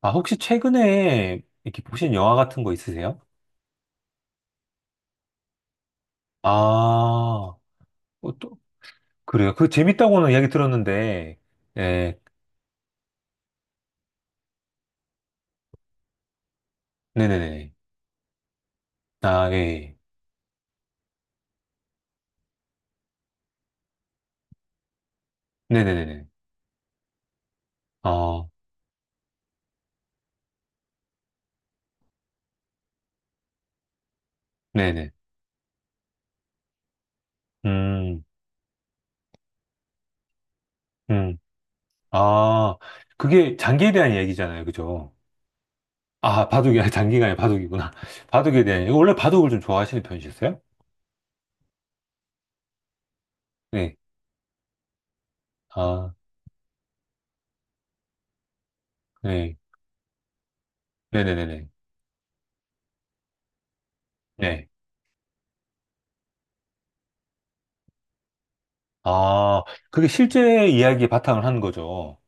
아, 혹시 최근에 이렇게 보신 영화 같은 거 있으세요? 아, 어, 또, 그래요. 그 재밌다고는 이야기 들었는데, 예, 네네네. 아, 예, 예. 네네네네. 어, 네네. 음, 음. 아, 그게 장기에 대한 이야기잖아요. 그죠? 아, 바둑이, 아니, 장기가 아니라 바둑이구나. 바둑에 대한, 이야기. 원래 바둑을 좀 좋아하시는 편이셨어요? 네. 아, 네. 네네네네. 네. 아, 그게 실제 이야기에 바탕을 한 거죠.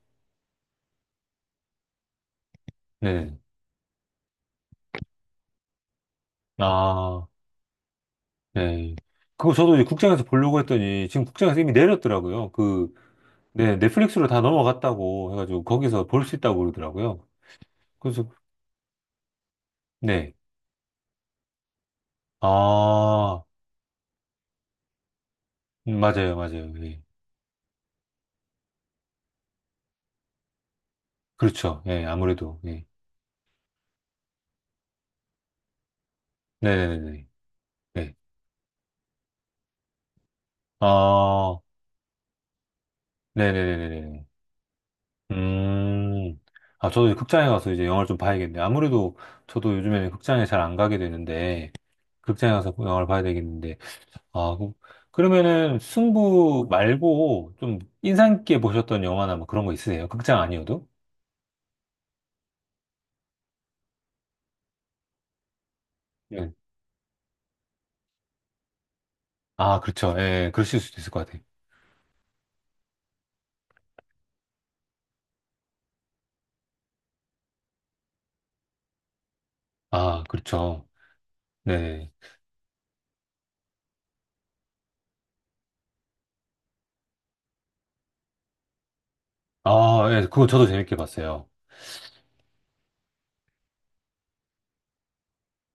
네. 아. 네. 그거 저도 이제 국장에서 보려고 했더니 지금 국장에서 이미 내렸더라고요. 그, 네, 넷플릭스로 다 넘어갔다고 해가지고 거기서 볼 수 있다고 그러더라고요. 그래서, 네. 아, 맞아요, 맞아요. 예. 그렇죠. 예, 아무래도. 예. 네네네네. 네. 아, 네네네네네. 음. 아, 저도 이제 극장에 가서 이제 영화를 좀 봐야겠네. 아무래도 저도 요즘에는 극장에 잘 안 가게 되는데, 극장에 가서 영화를 봐야 되겠는데, 아, 그러면은 승부 말고 좀 인상 깊게 보셨던 영화나 뭐 그런 거 있으세요? 극장 아니어도? 예. 아, 그렇죠. 예, 그러실 수도 있을 것 같아요. 아, 그렇죠. 네. 아, 예, 그거 저도 재밌게 봤어요.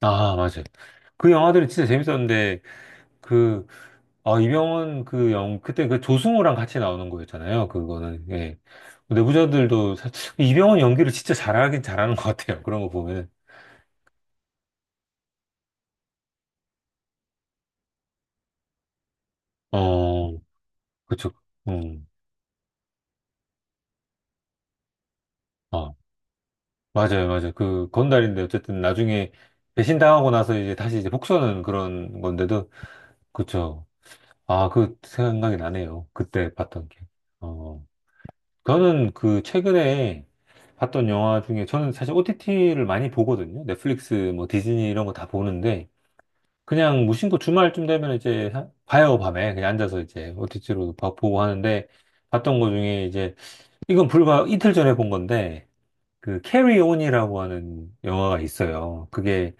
아, 맞아요. 그 영화들은 진짜 재밌었는데, 그, 아, 이병헌 그 영, 그때 그 조승우랑 같이 나오는 거였잖아요. 그거는, 예. 내부자들도, 이병헌 연기를 진짜 잘하긴 잘하는 것 같아요. 그런 거 보면은. 어, 그렇죠. 음. 아. 맞아요, 맞아요. 그 건달인데 어쨌든 나중에 배신당하고 나서 이제 다시 이제 복수하는 그런 건데도 그쵸. 아, 그 생각이 나네요. 그때 봤던 게. 어, 저는 그 최근에 봤던 영화 중에 저는 사실 OTT를 많이 보거든요. 넷플릭스, 뭐 디즈니 이런 거 다 보는데 그냥 무심코 주말쯤 되면 이제 봐요, 밤에. 그냥 앉아서 이제 OTT로 보고 하는데 봤던 거 중에 이제 이건 불과 이틀 전에 본 건데 그 캐리 온이라고 하는 영화가 있어요. 그게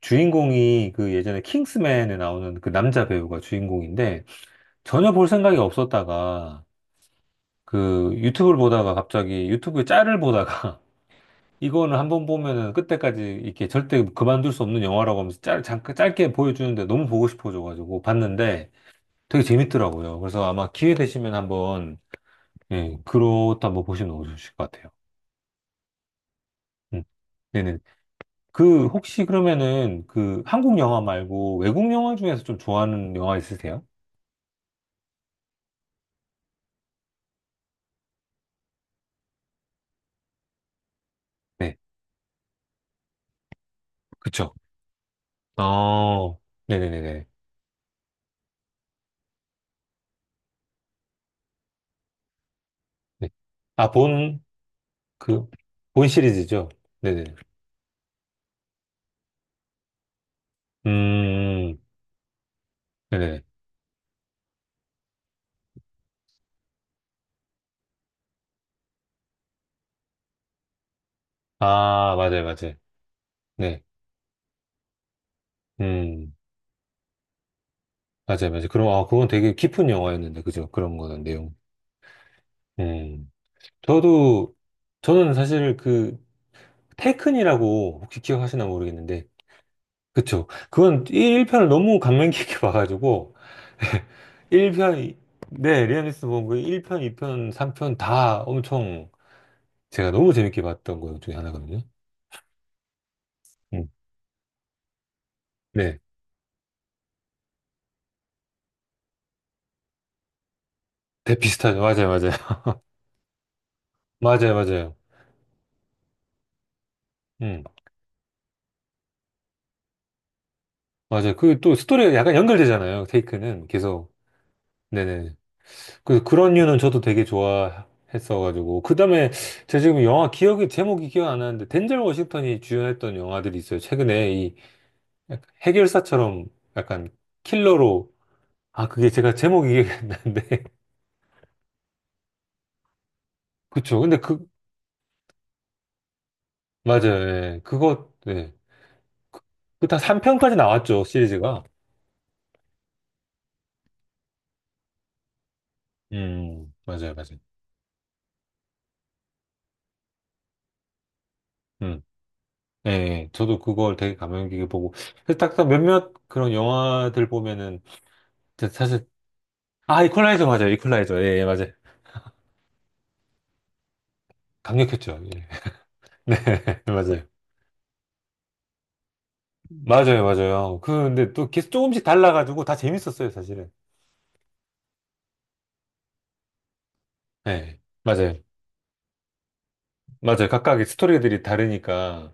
인공이그 예전에 킹스맨에 나오는 그 남자 배우가 주인공인데 전혀 볼 생각이 없었다가 그 유튜브를 보다가 갑자기 유튜브에 짤을 보다가 이거는 한번 보면은 끝때까지 이렇게 절대 그만둘 수 없는 영화라고 하면서 짤, 잠깐 짧게 보여주는데 너무 보고 싶어져가지고 봤는데 되게 재밌더라고요. 그래서 아마 기회 되시면 한번 예, 그렇다 한번 보시면 좋으실 것 같아요. 음. 네네. 그 혹시 그러면은 그 한국 영화 말고 외국 영화 중에서 좀 좋아하는 영화 있으세요? 네, 그쵸. 아, 네네네네. 네. 아, 본, 그, 본 시리즈죠? 네네. 음, 네네. 아, 맞아요, 맞아요. 네. 음, 맞아요, 맞아요. 그럼, 아, 그건 되게 깊은 영화였는데, 그죠? 그런 거는 내용. 음. 저도, 저는 사실 그, 테큰이라고 혹시 기억하시나 모르겠는데, 그쵸. 그건 1편을 너무 감명 깊게 봐가지고, 1편, 네, 리아니스 본그 일편 2편, 3편 다 엄청 제가 너무 재밌게 봤던 것 중에 하나거든요. 음. 네. 대피스타죠. 맞아요, 맞아요. 맞아요, 맞아요. 음, 맞아요. 그 또 스토리가 약간 연결되잖아요. 테이크는 계속. 네네. 그래서 그런 이유는 저도 되게 좋아했어가지고. 그 다음에 제가 지금 영화 기억이, 제목이 기억 안 나는데, 덴젤 워싱턴이 주연했던 영화들이 있어요. 최근에 이 약간 해결사처럼 약간 킬러로. 아, 그게 제가 제목이 기억이 안 나는데. 그쵸. 근데 그, 맞아요. 예. 그거, 예. 그다 3편까지 나왔죠, 시리즈가. 맞아요, 맞아요. 음, 예, 예. 저도 그걸 되게 감명 깊게 보고. 그래서 딱, 딱 몇몇 그런 영화들 보면은, 저 사실, 아, 이퀄라이저 맞아요, 이퀄라이저. 예, 예, 맞아요. 강력했죠. 예. 네, 맞아요. 맞아요, 맞아요. 그, 근데 또 계속 조금씩 달라가지고 다 재밌었어요, 사실은. 예, 맞아요. 맞아요. 각각의 스토리들이 다르니까.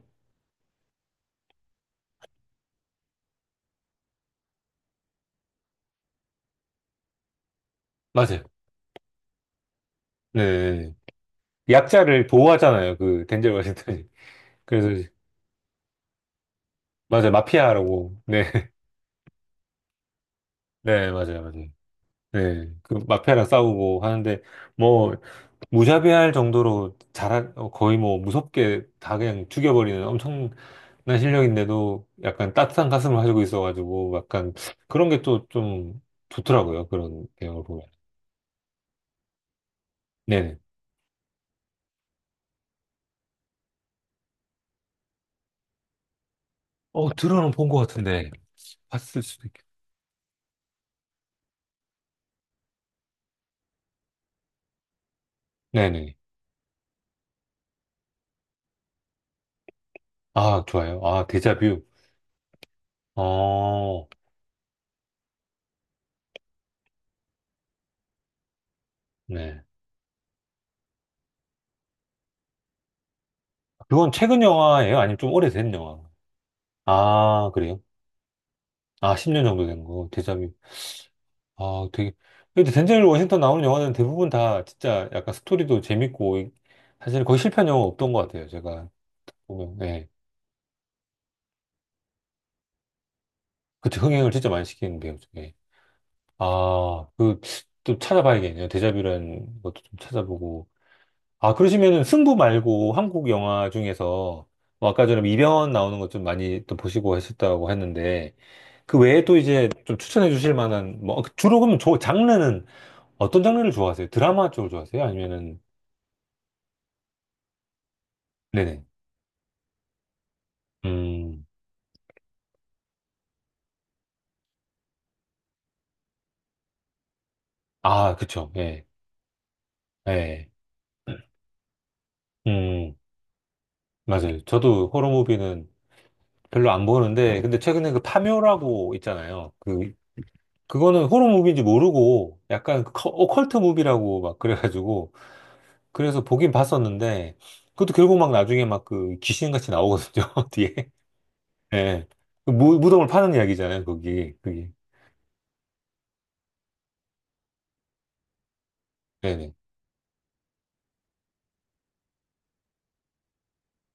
맞아요. 네. 네, 네. 약자를 보호하잖아요, 그, 덴젤 워싱턴이. 그래서 맞아요. 마피아라고. 네. 네, 맞아요. 맞아요. 네. 그 마피아랑 싸우고 하는데 뭐 무자비할 정도로 잘 거의 뭐 무섭게 다 그냥 죽여버리는 엄청난 실력인데도 약간 따뜻한 가슴을 가지고 있어가지고 약간 그런 게 또 좀 좋더라고요. 그런 내용을 보면. 네네. 어, 들어는 본 것 같은데 봤을 수도 있겠. 네네. 아, 좋아요. 아, 데자뷰. 어, 네. 그건 최근 영화예요? 아니면 좀 오래된 영화? 아, 그래요? 아, 10년 정도 된 거, 데자뷰. 아, 되게. 근데 덴젤 워싱턴 나오는 영화는 대부분 다 진짜 약간 스토리도 재밌고, 이- 사실 거의 실패한 영화 없던 것 같아요, 제가 보면. 네. 그때 흥행을 진짜 많이 시키는 배우 중에. 아, 그, 또 찾아봐야겠네요. 데자뷰라는 것도 좀 찾아보고. 아, 그러시면은 승부 말고 한국 영화 중에서, 뭐 아까 전에 뭐 이병헌 나오는 것 좀 많이 또 보시고 하셨다고 했는데, 그 외에 또 이제 좀 추천해 주실 만한, 뭐, 주로 그러면 저 장르는 어떤 장르를 좋아하세요? 드라마 쪽을 좋아하세요? 아니면은, 네네. 음, 아, 그쵸. 예, 예. 음, 맞아요. 저도 호러 무비는 별로 안 보는데, 근데 최근에 그 파묘라고 있잖아요. 그, 그거는 호러 무비인지 모르고, 약간 그 오컬트 무비라고 막 그래가지고, 그래서 보긴 봤었는데, 그것도 결국 막 나중에 막 그 귀신같이 나오거든요, 뒤에. 예. 그 무, 무덤을 파는 이야기잖아요, 거기. 그게. 네네.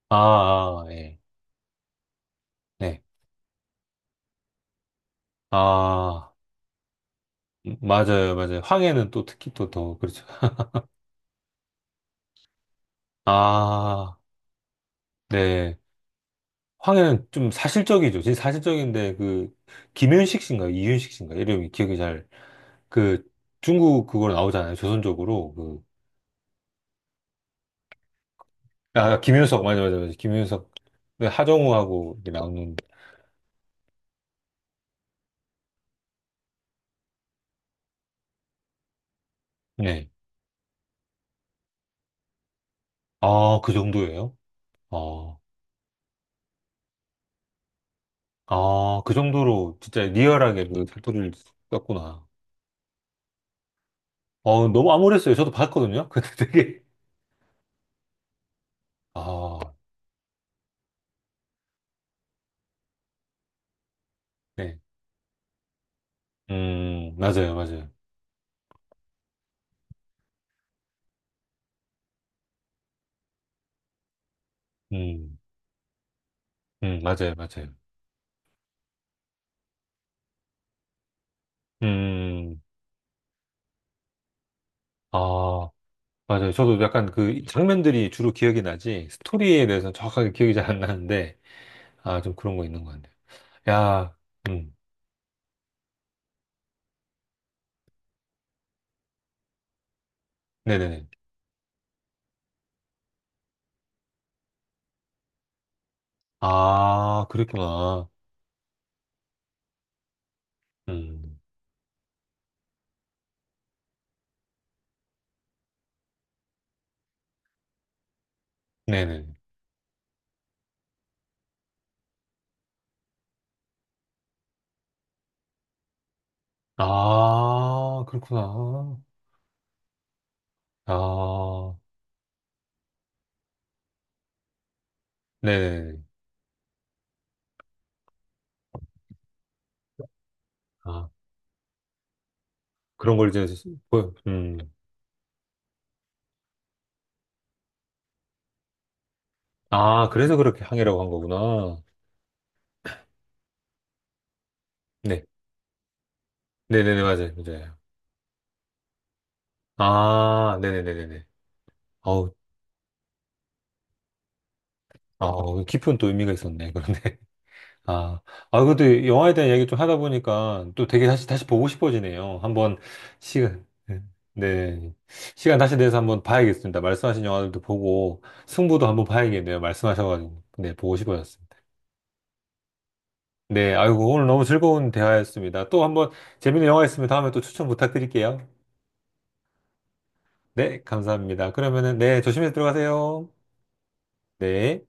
아, 아, 예. 네. 아. 맞아요, 맞아요. 황해는 또 특히 또 더, 그렇죠. 아, 네. 황해는 좀 사실적이죠. 진짜 사실적인데, 그, 김윤식 씨인가, 이윤식 씨인가, 이름이 기억이 잘, 그, 중국 그걸 나오잖아요. 조선족으로. 그, 아, 김윤석, 맞아, 맞아, 맞아. 김윤석. 네, 하정우하고 이렇게 나오는, 네. 아, 그 정도예요? 아, 아, 그 정도로 진짜 리얼하게 그 사투리를 썼구나. 어, 너무 암울했어요. 저도 봤거든요. 근데 되게, 아, 네. 맞아요, 맞아요. 음, 맞아요, 맞아요. 음, 아, 맞아요. 저도 약간 그 장면들이 주로 기억이 나지, 스토리에 대해서는 정확하게 기억이 잘 안 나는데, 아, 좀 그런 거 있는 것 같네요. 야, 음, 네네네. 아, 그랬구나. 음, 네네. 아, 그렇구나. 아, 네네네. 아, 그런 걸 이제, 보여- 음, 아, 그래서 그렇게 항해라고 한 거구나. 네. 네네네, 맞아요, 맞아요. 아, 네네네네네. 아, 어, 깊은 또 의미가 있었네. 그런데. 아, 아, 그래도 영화에 대한 이야기 좀 하다 보니까 또 되게 다시, 다시 보고 싶어지네요. 한번 시간, 네. 네. 시간 다시 내서 한번 봐야겠습니다. 말씀하신 영화들도 보고, 승부도 한번 봐야겠네요. 말씀하셔가지고. 네, 보고 싶어졌습니다. 네, 아이고, 오늘 너무 즐거운 대화였습니다. 또 한번 재밌는 영화 있으면 다음에 또 추천 부탁드릴게요. 네, 감사합니다. 그러면은, 네, 조심해서 들어가세요. 네.